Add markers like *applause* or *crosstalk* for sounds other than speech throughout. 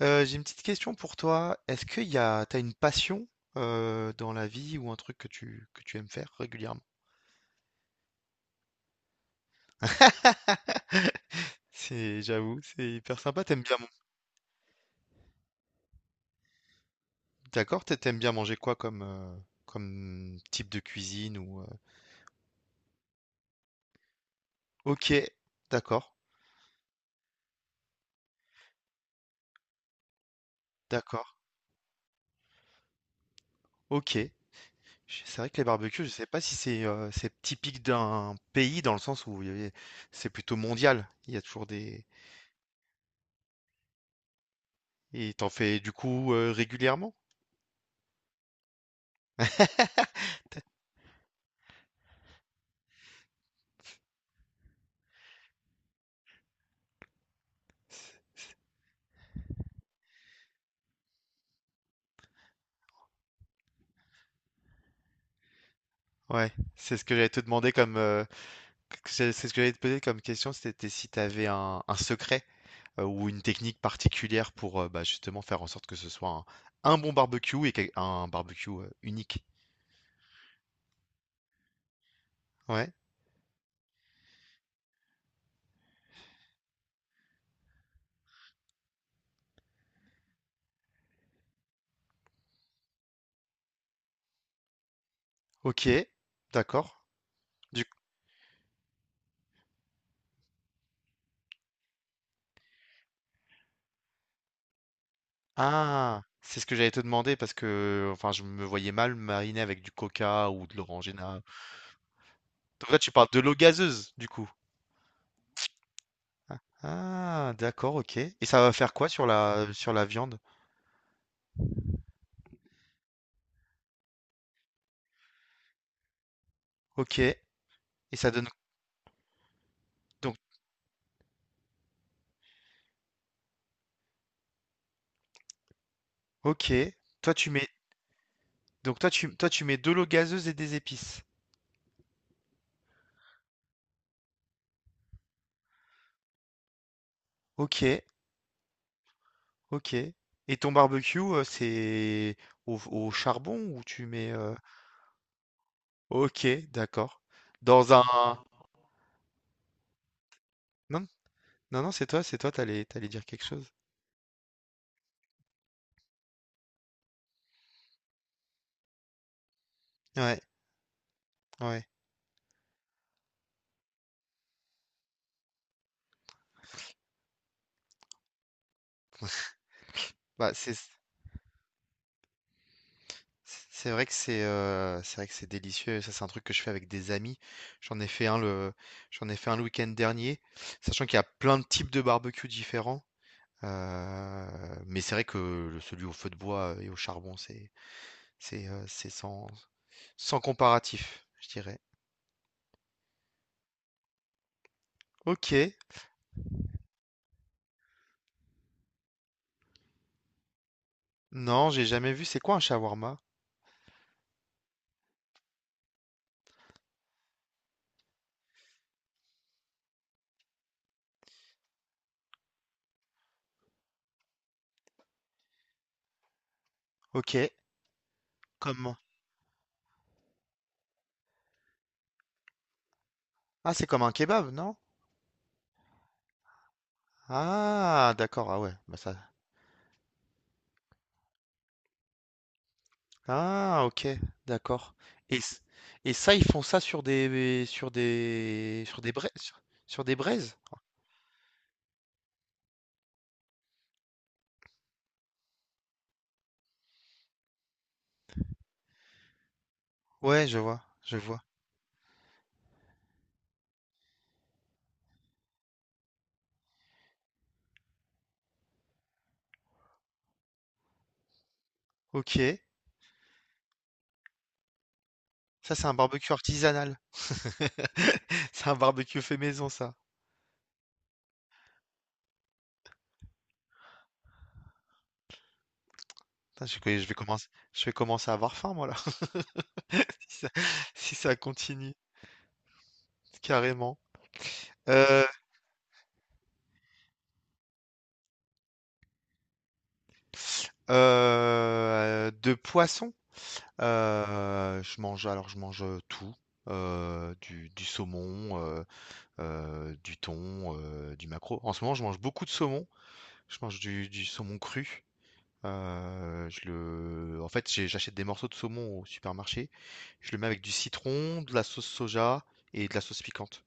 J'ai une petite question pour toi. Est-ce que t'as une passion dans la vie ou un truc que tu aimes faire régulièrement? *laughs* J'avoue, c'est hyper sympa. T'aimes bien, man- d'accord? T'aimes bien manger quoi comme comme type de cuisine ou Ok, d'accord, d'accord, ok. Je- C'est vrai que les barbecues, je sais pas si c'est c'est typique d'un pays dans le sens où il y a- c'est plutôt mondial. Il y a toujours des et t'en fais du coup régulièrement? Ouais, c'est ce que j'allais te demander comme que- c'est ce que j'allais te poser comme question, c'était si tu avais un secret ou une technique particulière pour bah, justement faire en sorte que ce soit un bon barbecue et quel- un barbecue unique. Ouais, ok, d'accord. Du... Ah, c'est ce que j'allais te demander parce que enfin je me voyais mal mariner avec du coca ou de l'orangina. Donc là tu parles de l'eau gazeuse du coup. Ah, d'accord, ok. Et ça va faire quoi sur la viande? Ok. Et ça donne OK. Toi, tu mets donc toi tu mets de l'eau gazeuse et des épices. OK, OK. Et ton barbecue, c'est au au charbon ou tu mets, OK, d'accord. Dans un non, non, c'est toi, t'allais dire quelque chose. Ouais, ouais. Bah, c'est vrai que c'est vrai que c'est délicieux ça, c'est un truc que je fais avec des amis. J'en ai fait un le J'en ai fait un le week-end dernier, sachant qu'il y a plein de types de barbecue différents. Heu, mais c'est vrai que le celui au feu de bois, et au charbon, c'est sans sans comparatif, je dirais. OK. Non, j'ai jamais vu. C'est quoi un shawarma? OK. Comment? Ah, c'est comme un kebab, non? Ah d'accord, ah ouais, bah ça ah OK, d'accord et ç ils font ça sur des braises sur sur des braises? Ouais, je vois. OK. Ça, c'est un barbecue artisanal. *laughs* C'est un barbecue fait maison, ça. Putain, je vais commencer à avoir faim, moi, là, *laughs* si ça, si ça continue, carrément. Euh, de poisson, je mange, alors je mange tout, du saumon, du thon, du maquereau. En ce moment, je mange beaucoup de saumon, je mange du saumon cru. Je le... En fait, j'ai- j'achète des morceaux de saumon au supermarché, je le mets avec du citron, de la sauce soja et de la sauce piquante.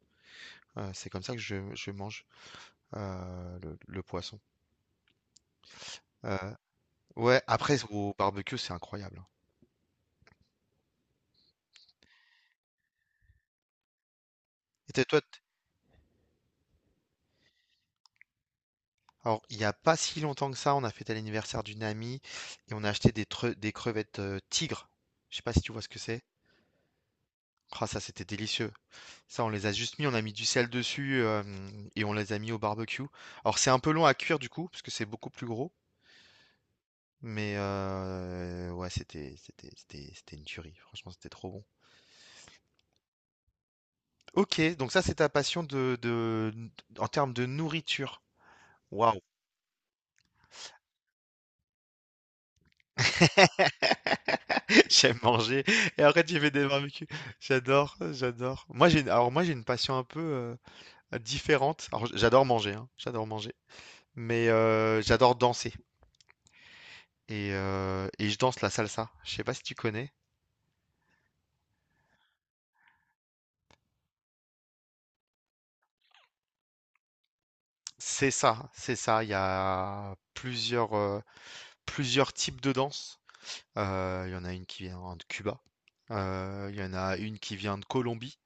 C'est comme ça que je mange. Le poisson. Euh, ouais, après, au barbecue, c'est incroyable. Hein. Et t'es- toi, t- alors, il n'y a pas si longtemps que ça, on a fêté l'anniversaire d'une amie et on a acheté des, tre- des crevettes tigres. Je sais pas si tu vois ce que c'est. Ah, ça, c'était délicieux. Ça, on les a juste mis, on a mis du sel dessus et on les a mis au barbecue. Alors, c'est un peu long à cuire du coup, parce que c'est beaucoup plus gros. Mais ouais, c'était une tuerie. Franchement, c'était trop bon. Ok, donc ça, c'est ta passion de en termes de nourriture. Waouh. *laughs* J'aime manger et après tu fais des barbecues. J'adore, j'adore. Moi j'ai une- alors moi j'ai une passion un peu différente. Alors j- j'adore manger, hein, j'adore manger. Mais j'adore danser et je danse la salsa. Je sais pas si tu connais. C'est ça, c'est ça. Il y a plusieurs plusieurs types de danse. Il y en a une qui vient de Cuba. Il y en a une qui vient de Colombie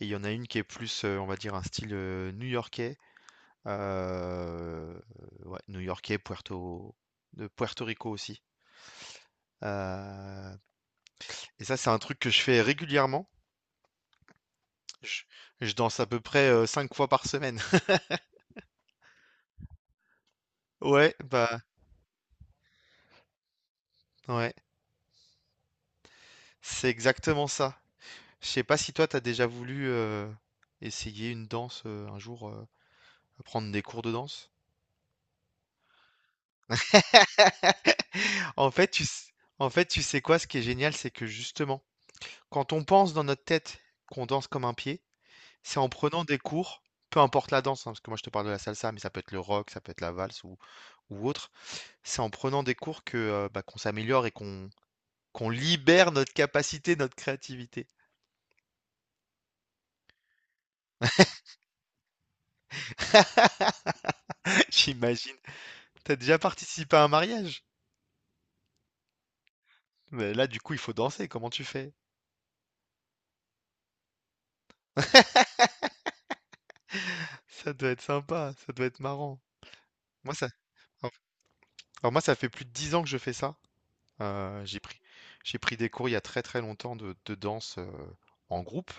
et il y en a une qui est plus, on va dire, un style new-yorkais Heu, ouais, new-yorkais, Puerto de Puerto Rico aussi. Heu et ça, c'est un truc que je fais régulièrement. Je je danse à peu près, 5 fois par semaine. *laughs* Ouais, bah, ouais, c'est exactement ça. Je sais pas si toi, t'as déjà voulu, essayer une danse, un jour, prendre des cours de danse? *laughs* En fait, tu s en fait, tu sais quoi? Ce qui est génial, c'est que justement, quand on pense dans notre tête qu'on danse comme un pied C'est en prenant des cours, peu importe la danse, hein, parce que moi je te parle de la salsa, mais ça peut être le rock, ça peut être la valse ou autre. C'est en prenant des cours que bah, qu'on s'améliore et qu'on libère notre capacité, notre créativité. *laughs* J'imagine. T'as déjà participé à un mariage? Mais là, du coup, il faut danser. Comment tu fais? Ça doit être sympa, ça doit être marrant. Moi, ça. Alors moi, ça fait plus de 10 ans que je fais ça. Euh, j'ai pris, j'ai pris des cours il y a très très longtemps de danse en groupe.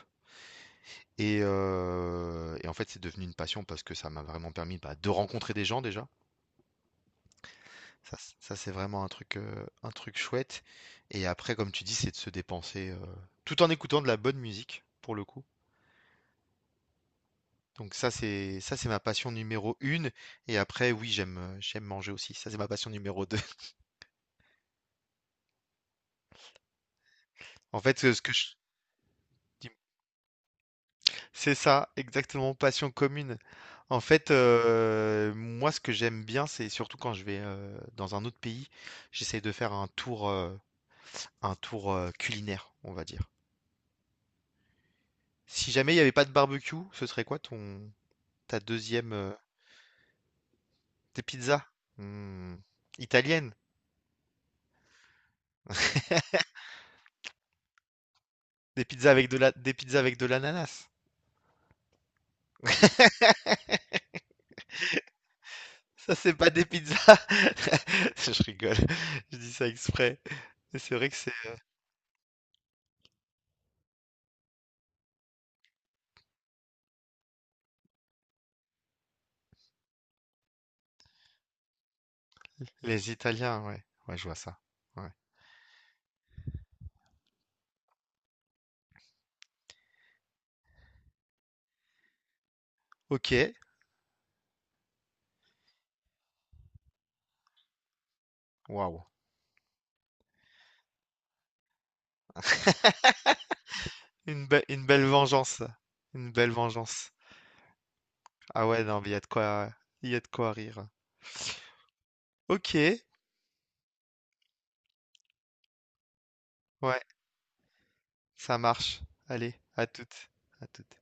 Et en fait, c'est devenu une passion parce que ça m'a vraiment permis, bah, de rencontrer des gens déjà. Ça c'est vraiment un truc chouette et après, comme tu dis, c'est de se dépenser, tout en écoutant de la bonne musique, pour le coup. Donc ça, c'est ma passion numéro une. Et après, oui, j'aime, j'aime manger aussi. Ça, c'est ma passion numéro deux. *laughs* En fait, ce que je dis C'est ça, exactement, passion commune. En fait, moi, ce que j'aime bien, c'est surtout quand je vais, dans un autre pays, j'essaye de faire un tour, un tour culinaire, on va dire. Si jamais il n'y avait pas de barbecue, ce serait quoi ton ta deuxième tes pizzas Hmm, italiennes, des pizzas avec de la des pizzas avec de l'ananas. *laughs* Ça c'est pas des pizzas. *laughs* Je rigole. Je dis ça exprès. Mais C'est vrai que c'est les Italiens, ouais. Ouais, je vois ça. Ouais. OK. Waouh. Une be- une belle vengeance. Ça. Une belle vengeance. Ah ouais, non, mais il y a de quoi rire. OK. Ouais. Ça marche. Allez, à toutes. À toutes.